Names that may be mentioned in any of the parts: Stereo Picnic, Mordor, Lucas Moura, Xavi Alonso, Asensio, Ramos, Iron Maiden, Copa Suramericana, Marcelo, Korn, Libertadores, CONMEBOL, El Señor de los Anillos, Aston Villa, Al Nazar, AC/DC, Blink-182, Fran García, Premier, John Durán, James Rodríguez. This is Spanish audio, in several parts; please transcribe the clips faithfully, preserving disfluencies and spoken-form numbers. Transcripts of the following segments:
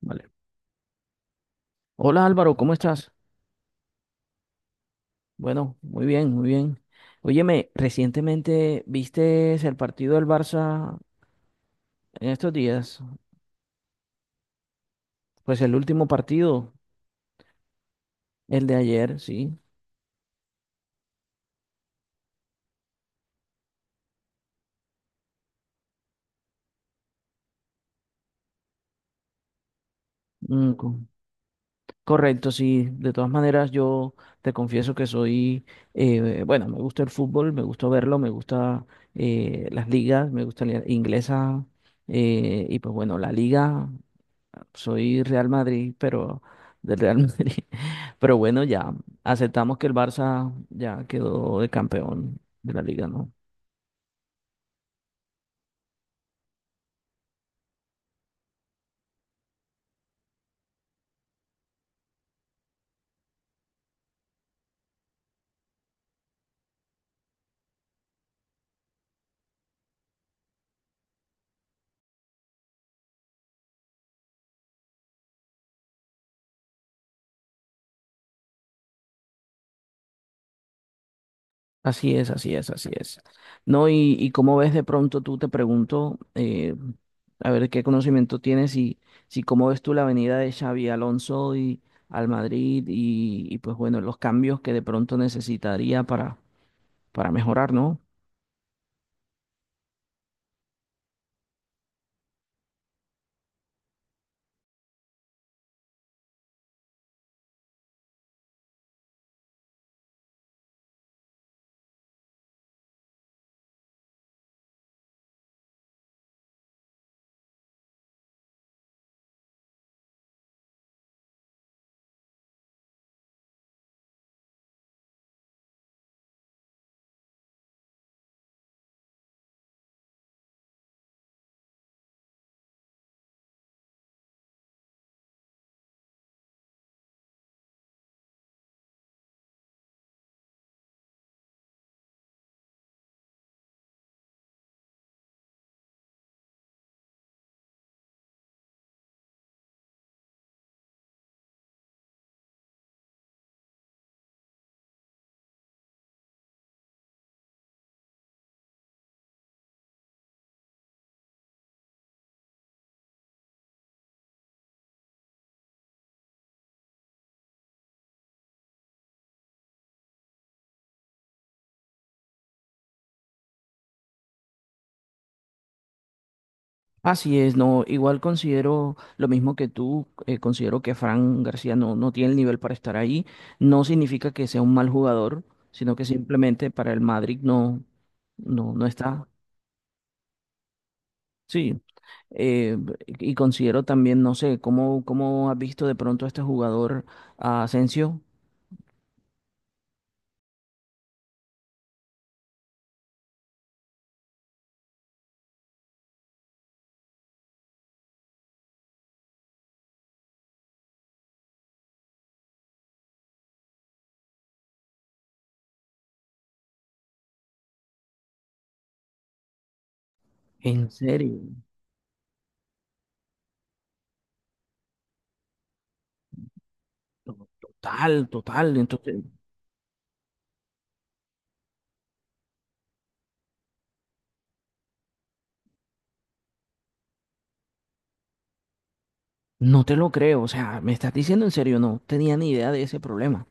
Vale. Hola Álvaro, ¿cómo estás? Bueno, muy bien, muy bien. Óyeme, recientemente viste el partido del Barça en estos días, pues el último partido, el de ayer, sí. Mm, co- Correcto, sí. De todas maneras, yo te confieso que soy, eh, bueno, me gusta el fútbol, me gusta verlo, me gusta eh, las ligas, me gusta la inglesa eh, y pues bueno, la liga. Soy Real Madrid, pero del Real Madrid. Pero bueno, ya aceptamos que el Barça ya quedó de campeón de la liga, ¿no? Así es, así es, así es. No, y, y cómo ves de pronto, tú te pregunto, eh, a ver qué conocimiento tienes y si cómo ves tú la venida de Xavi Alonso y al Madrid y, y pues bueno, los cambios que de pronto necesitaría para, para mejorar, ¿no? Así es, no, igual considero lo mismo que tú, eh, considero que Fran García no, no tiene el nivel para estar ahí. No significa que sea un mal jugador, sino que simplemente para el Madrid no, no, no está. Sí, eh, y considero también, no sé, ¿cómo, cómo has visto de pronto a este jugador, a Asensio? En serio, to- total, total, entonces no te lo creo, o sea, me estás diciendo en serio, no tenía ni idea de ese problema.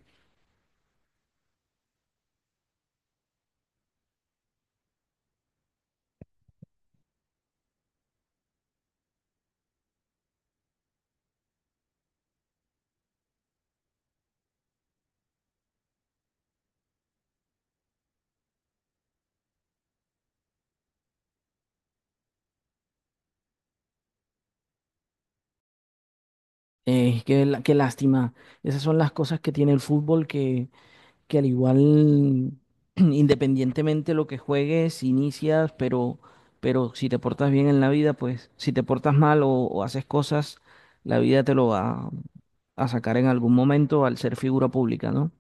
Eh, qué, la- qué lástima. Esas son las cosas que tiene el fútbol que, que al igual, independientemente lo que juegues, inicias, pero, pero si te portas bien en la vida, pues si te portas mal o, o haces cosas, la vida te lo va a sacar en algún momento al ser figura pública, ¿no?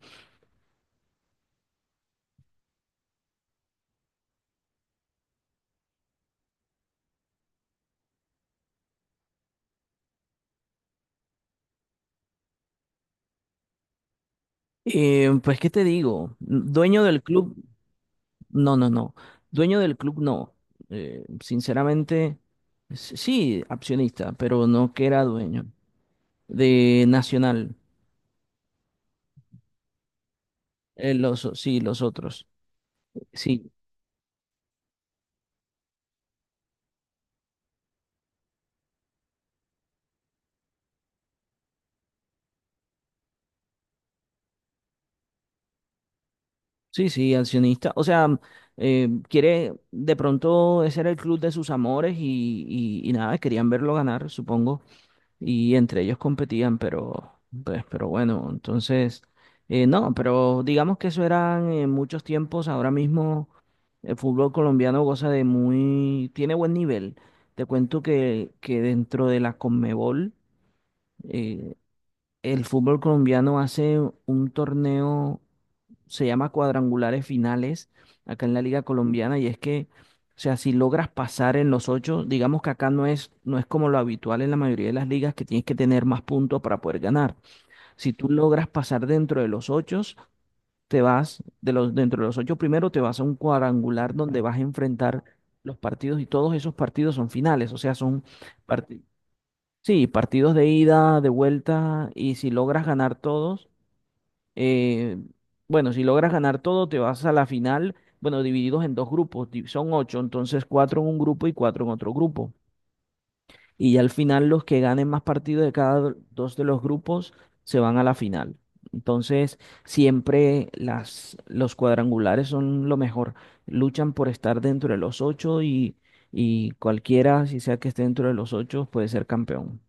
Eh, pues, ¿qué te digo? Dueño del club, no, no, no. Dueño del club, no. Eh, sinceramente, s- sí, accionista, pero no que era dueño. De Nacional. Eh, los, o- sí, los otros. Sí, sí, sí, accionista. O sea, eh, quiere, de pronto ese era el club de sus amores y, y, y nada, querían verlo ganar, supongo. Y entre ellos competían, pero, pues, pero bueno, entonces, eh, no, pero digamos que eso eran en muchos tiempos. Ahora mismo el fútbol colombiano goza de muy, tiene buen nivel. Te cuento que, que dentro de la Conmebol, eh, el fútbol colombiano hace un torneo, se llama cuadrangulares finales, acá en la Liga Colombiana, y es que, o sea, si logras pasar en los ocho, digamos que acá no es, no es como lo habitual en la mayoría de las ligas, que tienes que tener más puntos para poder ganar. Si tú logras pasar dentro de los ocho, te vas, de los, dentro de los ocho primero, te vas a un cuadrangular donde vas a enfrentar los partidos y todos esos partidos son finales, o sea, son partidos. Sí, partidos de ida, de vuelta, y si logras ganar todos, eh, bueno, si logras ganar todo, te vas a la final, bueno, divididos en dos grupos, di- son ocho, entonces cuatro en un grupo y cuatro en otro grupo. Y ya al final los que ganen más partidos de cada do- dos de los grupos se van a la final. Entonces, siempre las, los cuadrangulares son lo mejor. Luchan por estar dentro de los ocho y, y cualquiera, si sea que esté dentro de los ocho, puede ser campeón.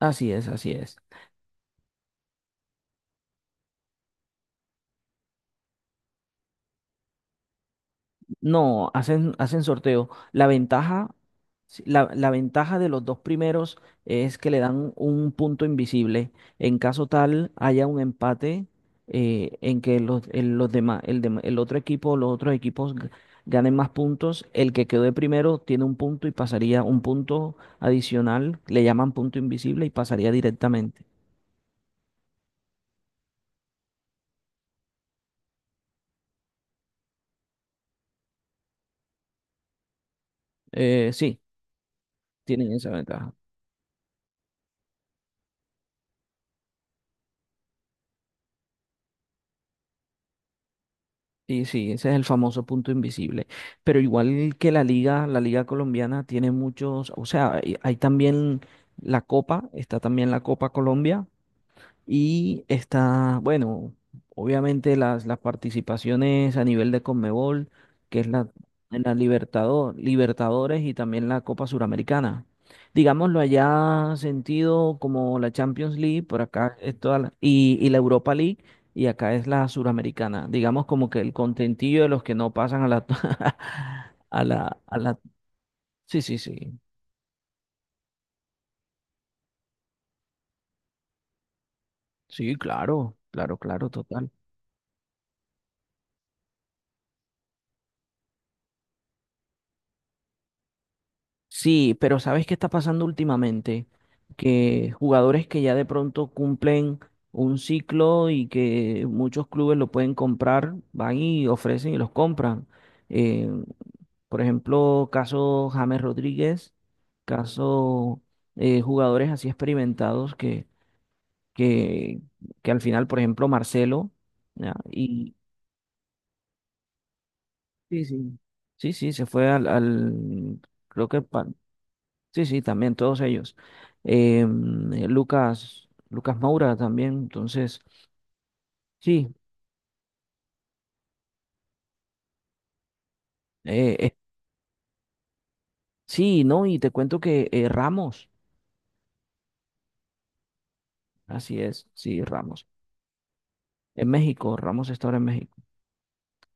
Así es, así es. No, hacen, hacen sorteo. La ventaja, sí, la, la ventaja de los dos primeros es que le dan un punto invisible. En caso tal haya un empate eh, en que los, el, los demás, el, dem- el otro equipo, los otros equipos g- ganen más puntos, el que quedó de primero tiene un punto y pasaría un punto adicional, le llaman punto invisible y pasaría directamente. Eh, sí, tienen esa ventaja. Sí, sí, ese es el famoso punto invisible. Pero igual que la liga, la liga colombiana tiene muchos, o sea, hay, hay también la Copa, está también la Copa Colombia, y está, bueno, obviamente las, las participaciones a nivel de CONMEBOL, que es la, en la Libertador, Libertadores y también la Copa Suramericana. Digámoslo allá sentido como la Champions League, por acá es toda la- y, y la Europa League, y acá es la Suramericana. Digamos como que el contentillo de los que no pasan a la, a la, a la, sí, sí, sí, sí, claro, claro, claro, total. Sí, pero ¿sabes qué está pasando últimamente? Que jugadores que ya de pronto cumplen un ciclo y que muchos clubes lo pueden comprar, van y ofrecen y los compran. Eh, por ejemplo, caso James Rodríguez, caso eh, jugadores así experimentados que, que, que al final, por ejemplo, Marcelo, ¿ya? Y sí, sí. Sí, sí, se fue al, al- creo que pa- sí, sí, también todos ellos. Eh, Lucas, Lucas Moura también, entonces, sí, eh, eh, sí, no, y te cuento que eh, Ramos, así es, sí, Ramos, en México, Ramos está ahora en México.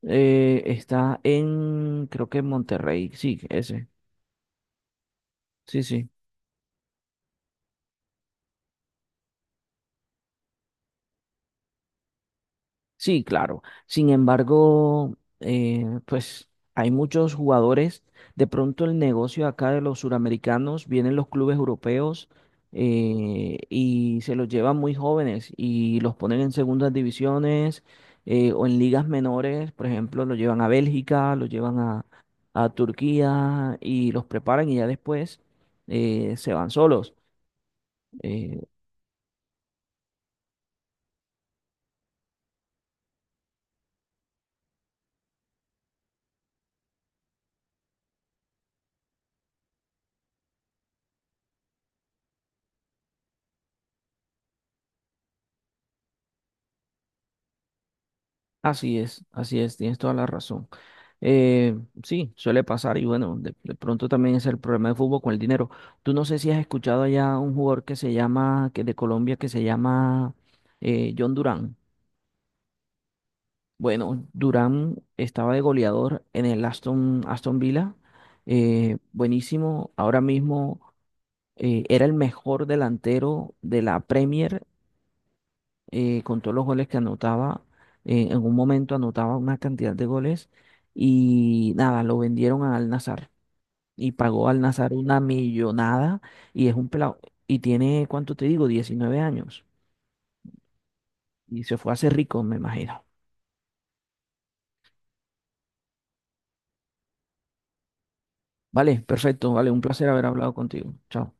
Eh, está en, creo que en Monterrey, sí, ese, sí, sí. Sí, claro. Sin embargo, eh, pues hay muchos jugadores. De pronto el negocio acá de los suramericanos, vienen los clubes europeos eh, y se los llevan muy jóvenes y los ponen en segundas divisiones eh, o en ligas menores. Por ejemplo, los llevan a Bélgica, los llevan a, a Turquía y los preparan y ya después eh, se van solos. Eh, Así es, así es, tienes toda la razón. Eh, sí, suele pasar y bueno, de, de pronto también es el problema del fútbol con el dinero. Tú no sé si has escuchado allá un jugador que se llama, que de Colombia, que se llama eh, John Durán. Bueno, Durán estaba de goleador en el Aston, Aston Villa, eh, buenísimo. Ahora mismo eh, era el mejor delantero de la Premier eh, con todos los goles que anotaba. Eh, en un momento anotaba una cantidad de goles y nada, lo vendieron a Al Nazar y pagó Al Nazar una millonada y es un pelado. Y tiene, ¿cuánto te digo? Diecinueve años. Y se fue a hacer rico, me imagino. Vale, perfecto, vale, un placer haber hablado contigo. Chao.